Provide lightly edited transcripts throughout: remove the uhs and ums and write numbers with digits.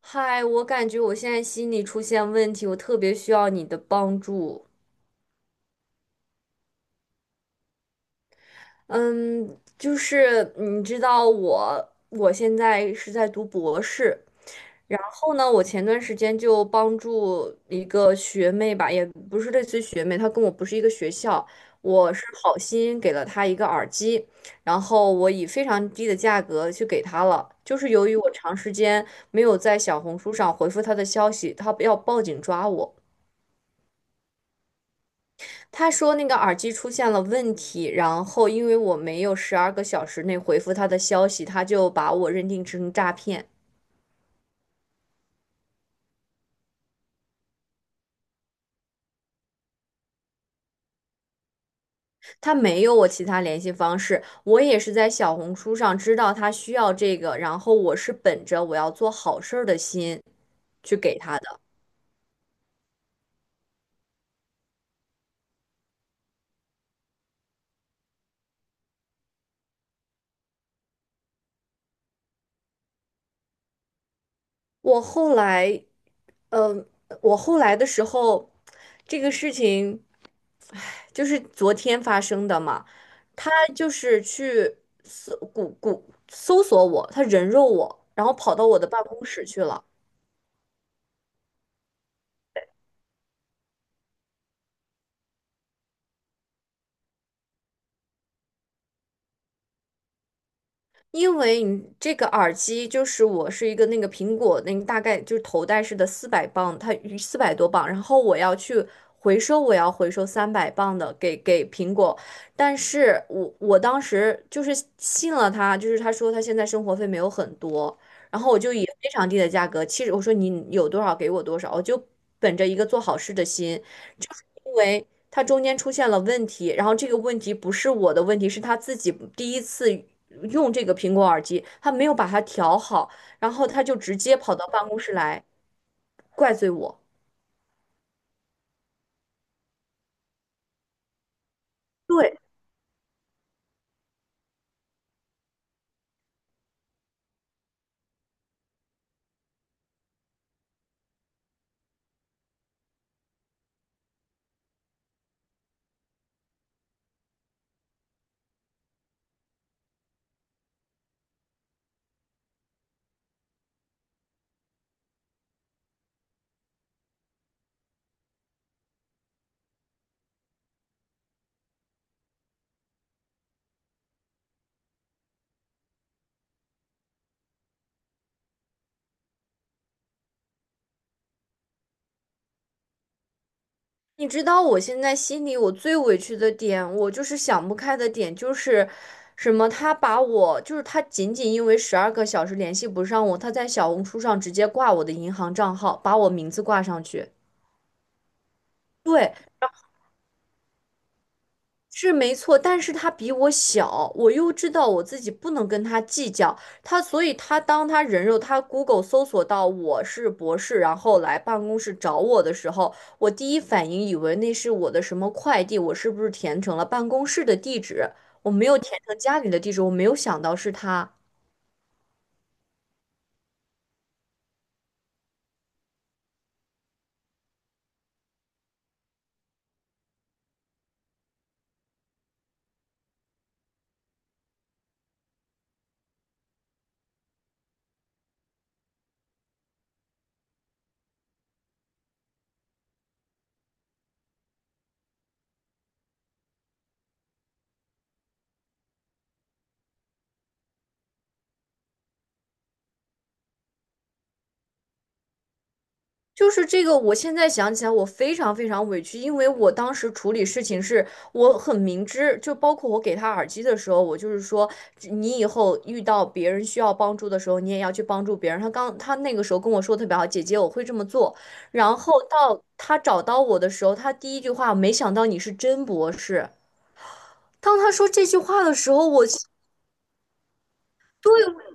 嗨，我感觉我现在心理出现问题，我特别需要你的帮助。嗯，就是你知道我现在是在读博士，然后呢，我前段时间就帮助一个学妹吧，也不是类似于学妹，她跟我不是一个学校，我是好心给了她一个耳机，然后我以非常低的价格去给她了。就是由于我长时间没有在小红书上回复她的消息，她要报警抓我。他说那个耳机出现了问题，然后因为我没有十二个小时内回复他的消息，他就把我认定成诈骗。他没有我其他联系方式，我也是在小红书上知道他需要这个，然后我是本着我要做好事儿的心去给他的。我后来嗯，我后来的时候，这个事情，唉，就是昨天发生的嘛。他就是去搜谷谷搜索我，他人肉我，然后跑到我的办公室去了。因为你这个耳机就是我是一个那个苹果那个大概就是头戴式的400磅，它400多磅，然后我要去回收，我要回收300磅的给苹果，但是我当时就是信了他，就是他说他现在生活费没有很多，然后我就以非常低的价格，其实我说你有多少给我多少，我就本着一个做好事的心，就是因为他中间出现了问题，然后这个问题不是我的问题，是他自己第一次用这个苹果耳机，他没有把它调好，然后他就直接跑到办公室来怪罪我。对，你知道我现在心里我最委屈的点，我就是想不开的点就是什么？他把我就是他仅仅因为十二个小时联系不上我，他在小红书上直接挂我的银行账号，把我名字挂上去。对，是没错，但是他比我小，我又知道我自己不能跟他计较，他所以他当他人肉他 Google 搜索到我是博士，然后来办公室找我的时候，我第一反应以为那是我的什么快递，我是不是填成了办公室的地址？我没有填成家里的地址，我没有想到是他。就是这个，我现在想起来，我非常非常委屈，因为我当时处理事情是我很明知，就包括我给他耳机的时候，我就是说，你以后遇到别人需要帮助的时候，你也要去帮助别人。他那个时候跟我说得特别好，姐姐，我会这么做。然后到他找到我的时候，他第一句话，没想到你是真博士。当他说这句话的时候，我。对，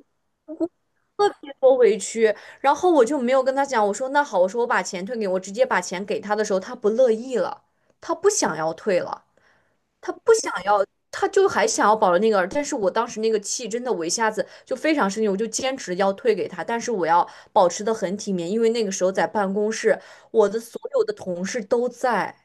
多委屈，然后我就没有跟他讲，我说那好，我说我把钱退给你我直接把钱给他的时候，他不乐意了，他不想要退了，他不想要，他就还想要保留那个，但是我当时那个气真的，我一下子就非常生气，我就坚持要退给他，但是我要保持的很体面，因为那个时候在办公室，我的所有的同事都在。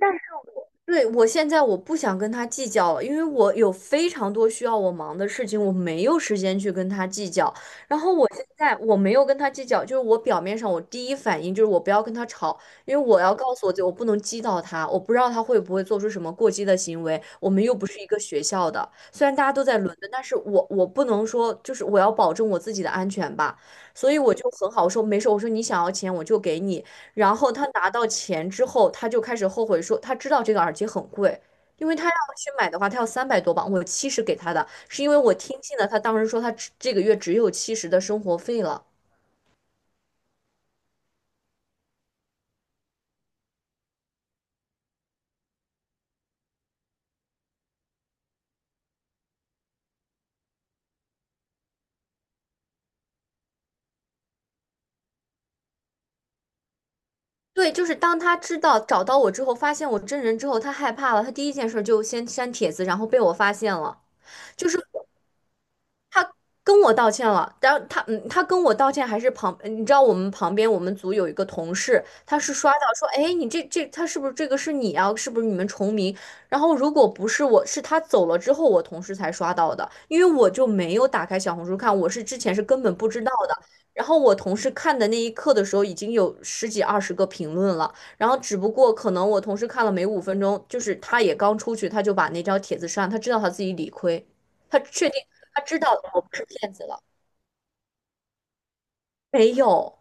但。对，我现在我不想跟他计较了，因为我有非常多需要我忙的事情，我没有时间去跟他计较。然后我现在我没有跟他计较，就是我表面上我第一反应就是我不要跟他吵，因为我要告诉我自己我不能激到他，我不知道他会不会做出什么过激的行为。我们又不是一个学校的，虽然大家都在伦敦，但是我不能说就是我要保证我自己的安全吧，所以我就很好说没事，我说你想要钱我就给你，然后他拿到钱之后，他就开始后悔说，他知道这个耳机很贵，因为他要去买的话，他要300多磅我七十给他的，是因为我听信了他当时说他只这个月只有七十的生活费了。对，就是当他知道找到我之后，发现我真人之后，他害怕了，他第一件事就先删帖子，然后被我发现了。就是他跟我道歉了，然后他他跟我道歉还是旁，你知道我们旁边我们组有一个同事，他是刷到说，哎，你这他是不是这个是你啊？是不是你们重名？然后如果不是我，是他走了之后我同事才刷到的，因为我就没有打开小红书看，我是之前是根本不知道的。然后我同事看的那一刻的时候，已经有十几二十个评论了，然后只不过可能我同事看了没5分钟，就是他也刚出去，他就把那条帖子删了，他知道他自己理亏。他确定他知道了我不是骗子了，没有。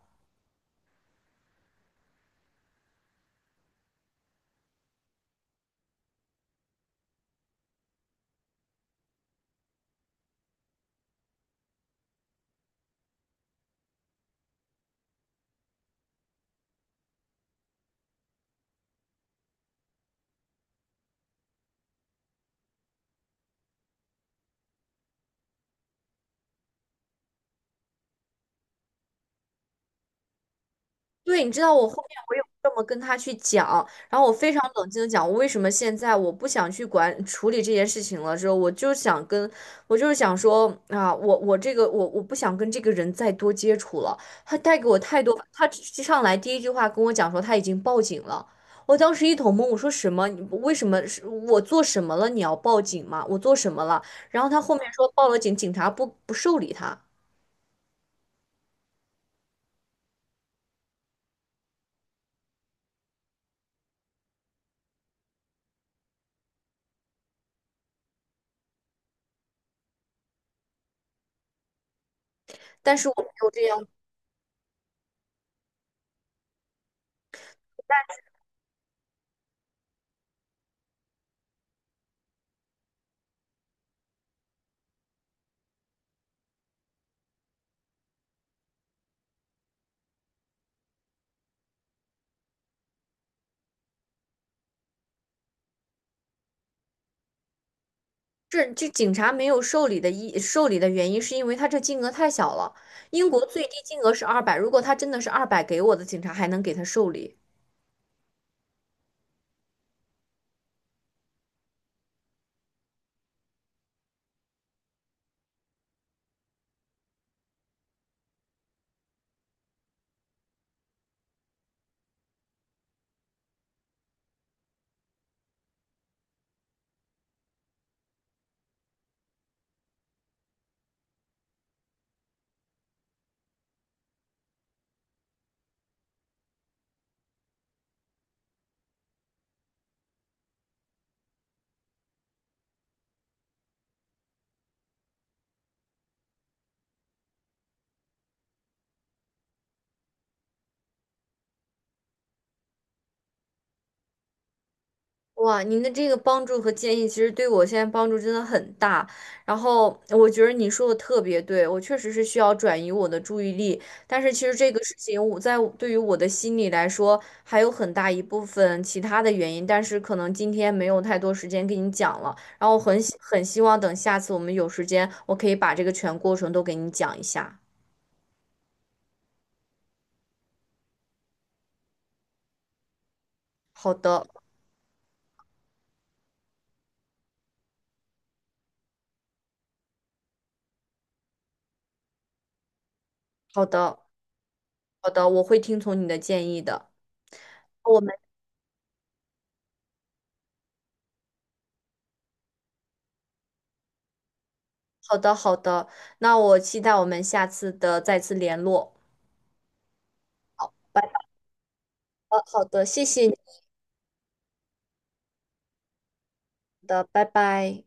对，你知道我后面我有这么跟他去讲，然后我非常冷静的讲，我为什么现在我不想去管处理这件事情了。之后我就想跟，我就是想说啊，我这个我不想跟这个人再多接触了。他带给我太多，他上来第一句话跟我讲说他已经报警了。我当时一头懵，我说什么？你为什么是我做什么了？你要报警吗？我做什么了？然后他后面说报了警，警察不受理他，但是我没有这样这警察没有受理的原因，是因为他这金额太小了。英国最低金额是二百，如果他真的是二百给我的，警察还能给他受理。哇，您的这个帮助和建议，其实对我现在帮助真的很大。然后我觉得你说的特别对，我确实是需要转移我的注意力。但是其实这个事情，我在我对于我的心理来说，还有很大一部分其他的原因。但是可能今天没有太多时间跟你讲了。然后我很希望等下次我们有时间，我可以把这个全过程都给你讲一下。好的，好的，好的，我会听从你的建议的。我们好的，好的，那我期待我们下次的再次联络。好，拜拜。好的，谢谢你的，拜拜。